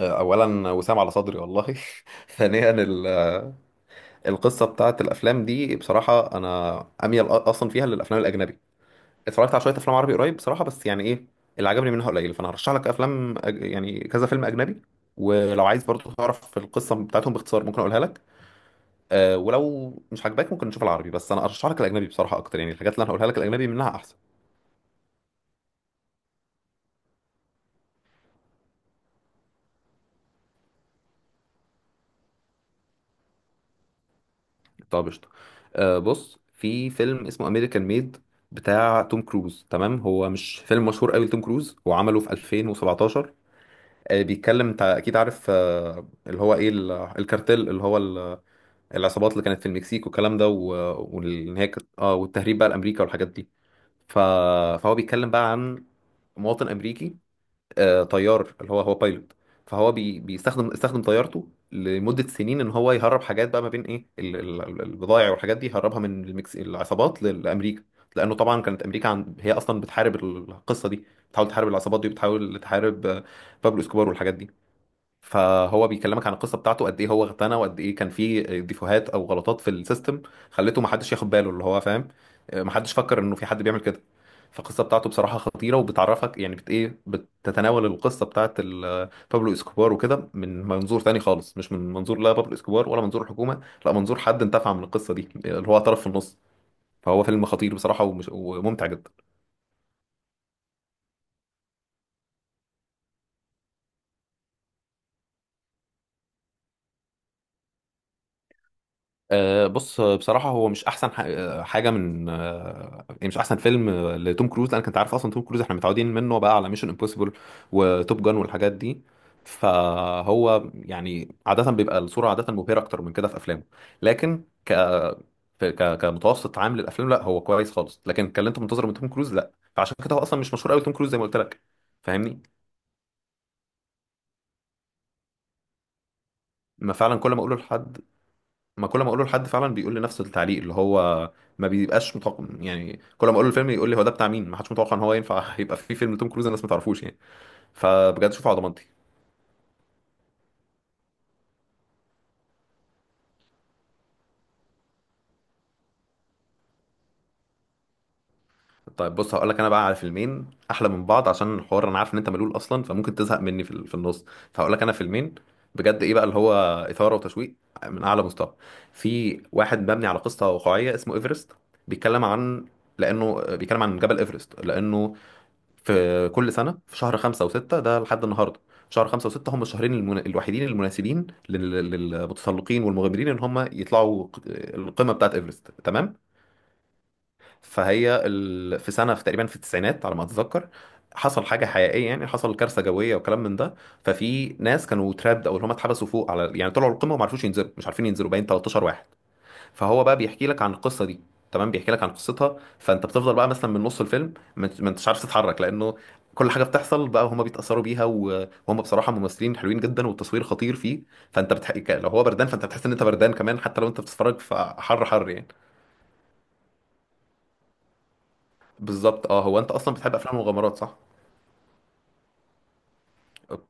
اولا وسام على صدري والله. ثانيا، القصه بتاعت الافلام دي بصراحه، انا اميل اصلا فيها للافلام الاجنبي. اتفرجت على شويه افلام عربي قريب بصراحه، بس يعني ايه اللي عجبني منها قليل. فانا هرشح لك افلام يعني كذا فيلم اجنبي، ولو عايز برضو تعرف القصه بتاعتهم باختصار ممكن اقولها لك. أه، ولو مش عاجباك ممكن نشوف العربي، بس انا ارشح لك الاجنبي بصراحه اكتر، يعني الحاجات اللي انا هقولها لك الاجنبي منها احسن. طب قشطة. بص، في فيلم اسمه امريكان ميد بتاع توم كروز، تمام. هو مش فيلم مشهور قوي لتوم كروز، هو عمله في 2017. بيتكلم، انت اكيد عارف اللي هو ايه الكارتيل، اللي هو العصابات اللي كانت في المكسيك والكلام ده، وان هي والتهريب بقى لامريكا والحاجات دي. ف... فهو بيتكلم بقى عن مواطن امريكي، طيار، اللي هو بايلوت. فهو بي بيستخدم استخدم طيارته لمدة سنين ان هو يهرب حاجات بقى ما بين ايه البضائع والحاجات دي، يهربها من العصابات لامريكا. لانه طبعا كانت امريكا هي اصلا بتحارب القصة دي، بتحاول تحارب العصابات دي، وبتحاول تحارب بابلو اسكوبار والحاجات دي. فهو بيكلمك عن القصه بتاعته، قد ايه هو اغتنى، وقد ايه كان فيه ديفوهات او غلطات في السيستم خلته ما حدش ياخد باله، اللي هو فاهم، ما حدش فكر انه في حد بيعمل كده. فالقصه بتاعته بصراحه خطيره، وبتعرفك يعني بت ايه بتتناول القصه بتاعت بابلو اسكوبار وكده من منظور تاني خالص، مش من منظور لا بابلو اسكوبار ولا منظور الحكومه، لا منظور حد انتفع من القصه دي، اللي هو طرف في النص. فهو فيلم خطير بصراحه، وممتع جدا. بص، بصراحة هو مش أحسن حاجة من آه، يعني مش أحسن فيلم لتوم كروز، لأنك أنت عارف أصلا توم كروز إحنا متعودين منه بقى على ميشن امبوسيبل وتوب جان والحاجات دي. فهو يعني عادة بيبقى الصورة عادة مبهرة أكتر من كده في أفلامه، لكن كمتوسط عام للأفلام، لا هو كويس خالص، لكن كان اللي أنت منتظره من توم كروز لا. فعشان كده هو أصلا مش مشهور قوي، توم كروز زي ما قلت لك. فاهمني؟ ما فعلا كل ما أقوله لحد ما كل ما اقوله لحد فعلا بيقول لي نفس التعليق، اللي هو ما بيبقاش متوقع. يعني كل ما اقوله الفيلم يقول لي هو ده بتاع مين، ما حدش متوقع ان هو ينفع. يبقى في فيلم توم كروز الناس ما تعرفوش يعني. فبجد شوفه على ضمانتي. طيب بص، هقول لك انا بقى على فيلمين احلى من بعض، عشان الحوار انا عارف ان انت ملول اصلا، فممكن تزهق مني في في النص. فهقول لك انا فيلمين بجد، ايه بقى اللي هو اثاره وتشويق من اعلى مستوى. في واحد مبني على قصه واقعيه اسمه ايفرست. بيتكلم عن لانه بيتكلم عن جبل ايفرست، لانه في كل سنة في شهر خمسة وستة ده لحد النهاردة. شهر خمسة وستة هم الشهرين الوحيدين المناسبين للمتسلقين والمغامرين ان هم يطلعوا القمة بتاعت ايفرست، تمام. فهي ال... في سنة في تقريبا في التسعينات على ما اتذكر، حصل حاجة حقيقية، يعني حصل كارثة جوية وكلام من ده. ففي ناس كانوا ترابد او اللي هم اتحبسوا فوق، على يعني طلعوا القمة وما عرفوش ينزلوا، مش عارفين ينزلوا، باين 13 واحد. فهو بقى بيحكي لك عن القصه دي، تمام، بيحكي لك عن قصتها. فانت بتفضل بقى مثلا من نص الفيلم ما انتش عارف تتحرك، لانه كل حاجه بتحصل بقى هما بيتاثروا بيها، وهم بصراحه ممثلين حلوين جدا، والتصوير خطير فيه. فانت لو هو بردان فانت بتحس ان انت بردان كمان، حتى لو انت بتتفرج فحر حر يعني. بالظبط، اه، هو انت اصلا بتحب افلام المغامرات صح؟ أوك-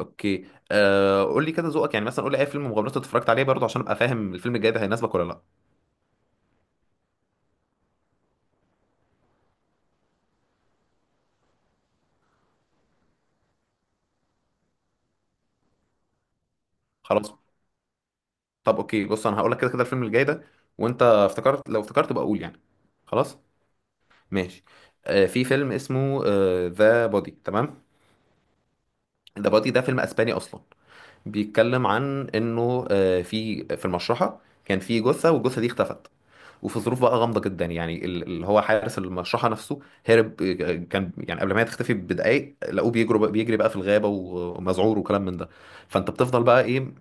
اوكي. قول لي كده ذوقك، يعني مثلا قول لي اي فيلم مغامرات اتفرجت عليه برضه، عشان ابقى فاهم الفيلم الجاي ده هيناسبك ولا لا. خلاص. طب اوكي، بص انا هقول لك كده كده الفيلم الجاي ده، وانت لو افتكرت بقى قول يعني. خلاص ماشي. في فيلم اسمه ذا بودي، تمام. ذا بودي ده فيلم اسباني اصلا. بيتكلم عن انه في المشرحه كان في جثه، والجثه دي اختفت. وفي ظروف بقى غامضه جدا، يعني اللي هو حارس المشرحه نفسه هرب. كان يعني قبل ما هي تختفي بدقائق لقوه بيجري بقى، في الغابه، ومذعور وكلام من ده. فانت بتفضل بقى ايه،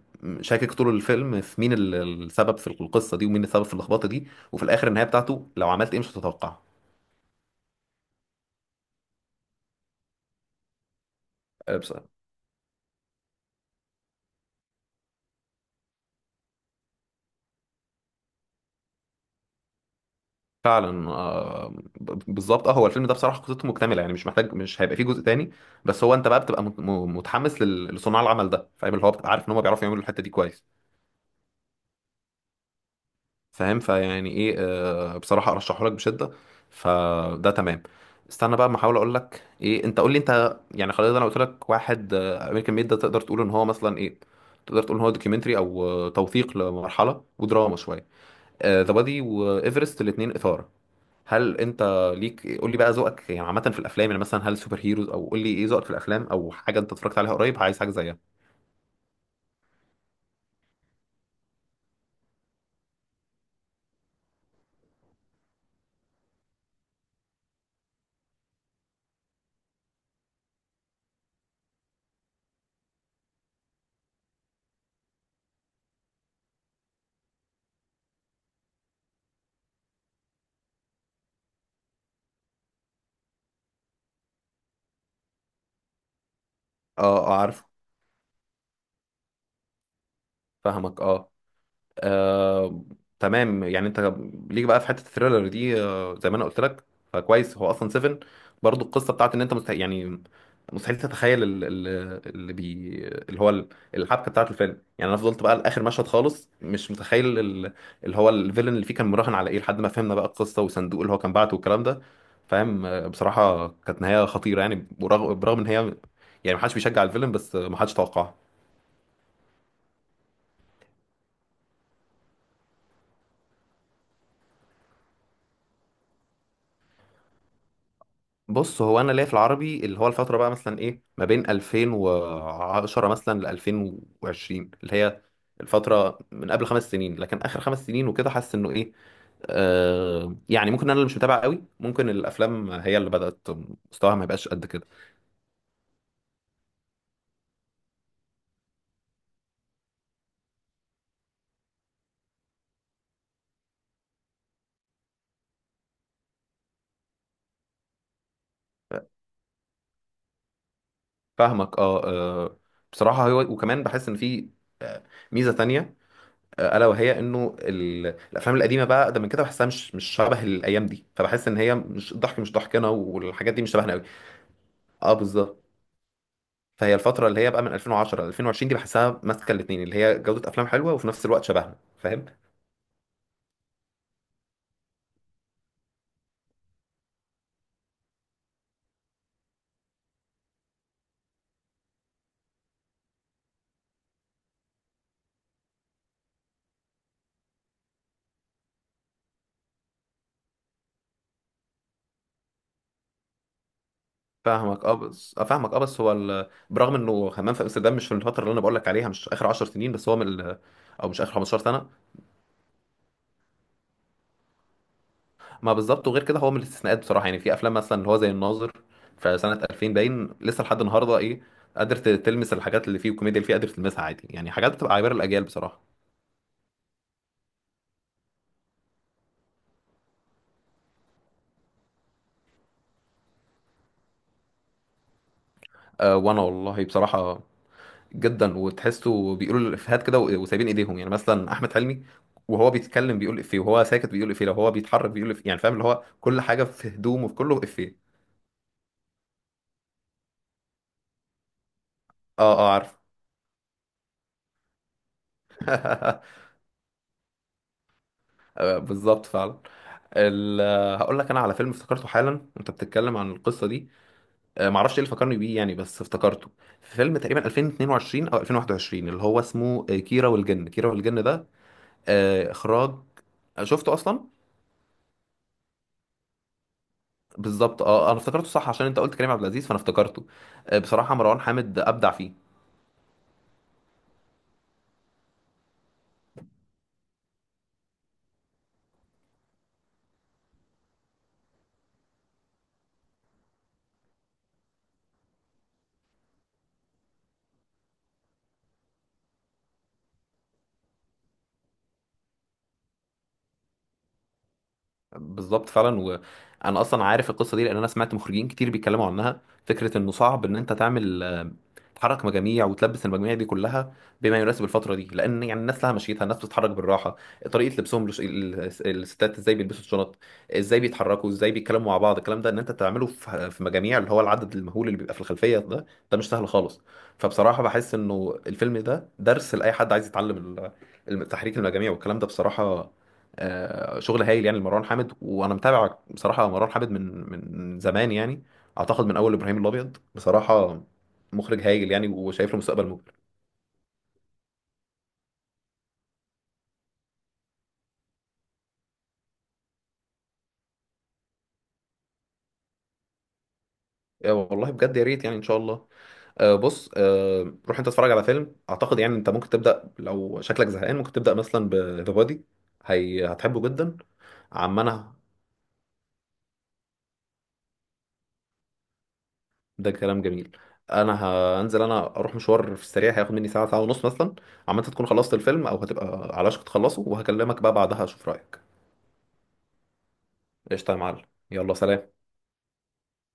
شاكك طول الفيلم في مين السبب في القصه دي، ومين السبب في اللخبطه دي. وفي الاخر النهايه بتاعته لو عملت ايه مش هتتوقع. آه، بس- فعلا. بالظبط، اه، هو الفيلم ده بصراحه قصته مكتمله، يعني مش هيبقى فيه جزء تاني. بس هو انت بقى بتبقى متحمس لصناع العمل ده، فاهم، اللي هو بتبقى عارف ان هم بيعرفوا يعملوا الحته دي كويس. فاهم، فيعني ايه آه بصراحة ارشحه لك بشدة، فده تمام. استنى بقى، ما احاول اقول لك ايه انت، قول لي انت يعني. خلاص، انا قلت لك واحد امريكان ميد، ده تقدر تقول ان هو مثلا ايه، تقدر تقول ان هو دوكيومنتري، او آه، توثيق لمرحلة ودراما شوية. ذا بادي وايفرست الاتنين اثارة. هل انت ليك قول لي بقى ذوقك، يعني عامة في الافلام، يعني مثلا هل سوبر هيروز، او قول لي ايه ذوقك في الافلام، او حاجة انت اتفرجت عليها قريب عايز حاجة زيها. اه، اه، عارف، فاهمك، اه. آه، تمام، يعني انت ليك بقى في حته الثريلر دي زي ما انا قلت لك. فكويس، هو اصلا 7 برضو القصه بتاعت ان انت مستحيل يعني، مستحيل تتخيل ال- ال- اللي بي اللي هو ال- الحبكه بتاعت الفيلم. يعني انا فضلت بقى لاخر مشهد خالص مش متخيل اللي هو الفيلن اللي فيه كان مراهن على ايه، لحد ما فهمنا بقى القصه والصندوق اللي هو كان بعته والكلام ده. فاهم. بصراحه كانت نهايه خطيره يعني، برغم ان هي يعني ما حدش بيشجع الفيلم، بس ما حدش توقعها. بص، هو انا ليا في العربي، اللي هو الفتره بقى مثلا ايه، ما بين 2010 مثلا ل 2020، اللي هي الفتره من قبل 5 سنين، لكن اخر 5 سنين وكده، حاسس انه ايه، يعني ممكن انا اللي مش متابع قوي، ممكن الافلام هي اللي بدات مستواها ما يبقاش قد كده. فاهمك، اه، بصراحه هو. وكمان بحس ان في آه، ميزه تانية، الا وهي انه الافلام القديمه بقى ده من كده بحسها مش شبه الايام دي. فبحس ان هي مش ضحكنا، والحاجات دي مش شبهنا قوي. اه بالظبط. فهي الفترة اللي هي بقى من 2010 ل 2020 دي بحسها ماسكة الاتنين، اللي هي جودة أفلام حلوة، وفي نفس الوقت شبهنا، فاهم؟ فاهمك، اه، بس هو برغم انه همام في امستردام مش في الفترة اللي انا بقول لك عليها، مش اخر 10 سنين، بس هو من ال... او مش اخر 15 سنة. ما بالظبط، وغير كده هو من الاستثناءات بصراحة، يعني في افلام مثلا اللي هو زي الناظر في سنة 2000 باين لسه لحد النهاردة ايه، قادر تلمس الحاجات اللي فيه والكوميديا اللي فيه قادر تلمسها عادي، يعني حاجات بتبقى عبارة الاجيال بصراحة. أه، وانا والله بصراحة جدا، وتحسه بيقولوا الافيهات كده وسايبين ايديهم. يعني مثلا احمد حلمي، وهو بيتكلم بيقول افيه، وهو ساكت بيقول افيه، لو هو بيتحرك بيقول افيه، يعني فاهم، اللي هو كل حاجه في هدومه في كله افيه. اه، اه، عارف. بالظبط فعلا. ال- هقول لك انا على فيلم افتكرته حالا وانت بتتكلم عن القصه دي. معرفش ايه اللي فكرني بيه يعني، بس افتكرته. في فيلم تقريبا 2022 او 2021 اللي هو اسمه كيرة والجن. كيرة والجن ده اخراج، شفته اصلا؟ بالظبط، اه، انا افتكرته صح عشان انت قلت كريم عبد العزيز، فانا افتكرته. بصراحه مروان حامد ابدع فيه. بالظبط فعلا. وانا اصلا عارف القصه دي لان انا سمعت مخرجين كتير بيتكلموا عنها، فكره انه صعب ان انت تعمل تحرك مجاميع، وتلبس المجاميع دي كلها بما يناسب الفتره دي، لان يعني الناس لها مشيتها، الناس بتتحرك بالراحه، طريقه لبسهم الستات ازاي بيلبسوا الشنط، ازاي بيتحركوا، ازاي بيتكلموا مع بعض، الكلام ده ان انت تعمله في مجاميع، اللي هو العدد المهول اللي بيبقى في الخلفيه ده، ده مش سهل خالص. فبصراحه بحس انه الفيلم ده درس لاي حد عايز يتعلم تحريك المجاميع والكلام ده بصراحه. شغل هايل يعني لمروان حامد، وانا متابع بصراحه مروان حامد من زمان يعني، اعتقد من اول ابراهيم الابيض بصراحه. مخرج هايل يعني، وشايف له مستقبل مبهر. والله بجد يا ريت، يعني ان شاء الله. بص، روح انت اتفرج على فيلم اعتقد يعني انت ممكن تبدا، لو شكلك زهقان ممكن تبدا مثلا بذا بادي، هي هتحبه جدا. عمنا، ده كلام جميل. انا هنزل، انا اروح مشوار في السريع هياخد مني ساعه ساعه ونص مثلا. عم انت تكون خلصت الفيلم او هتبقى على وشك تخلصه، وهكلمك بقى بعدها اشوف رايك. قشطه يا معلم، يلا سلام.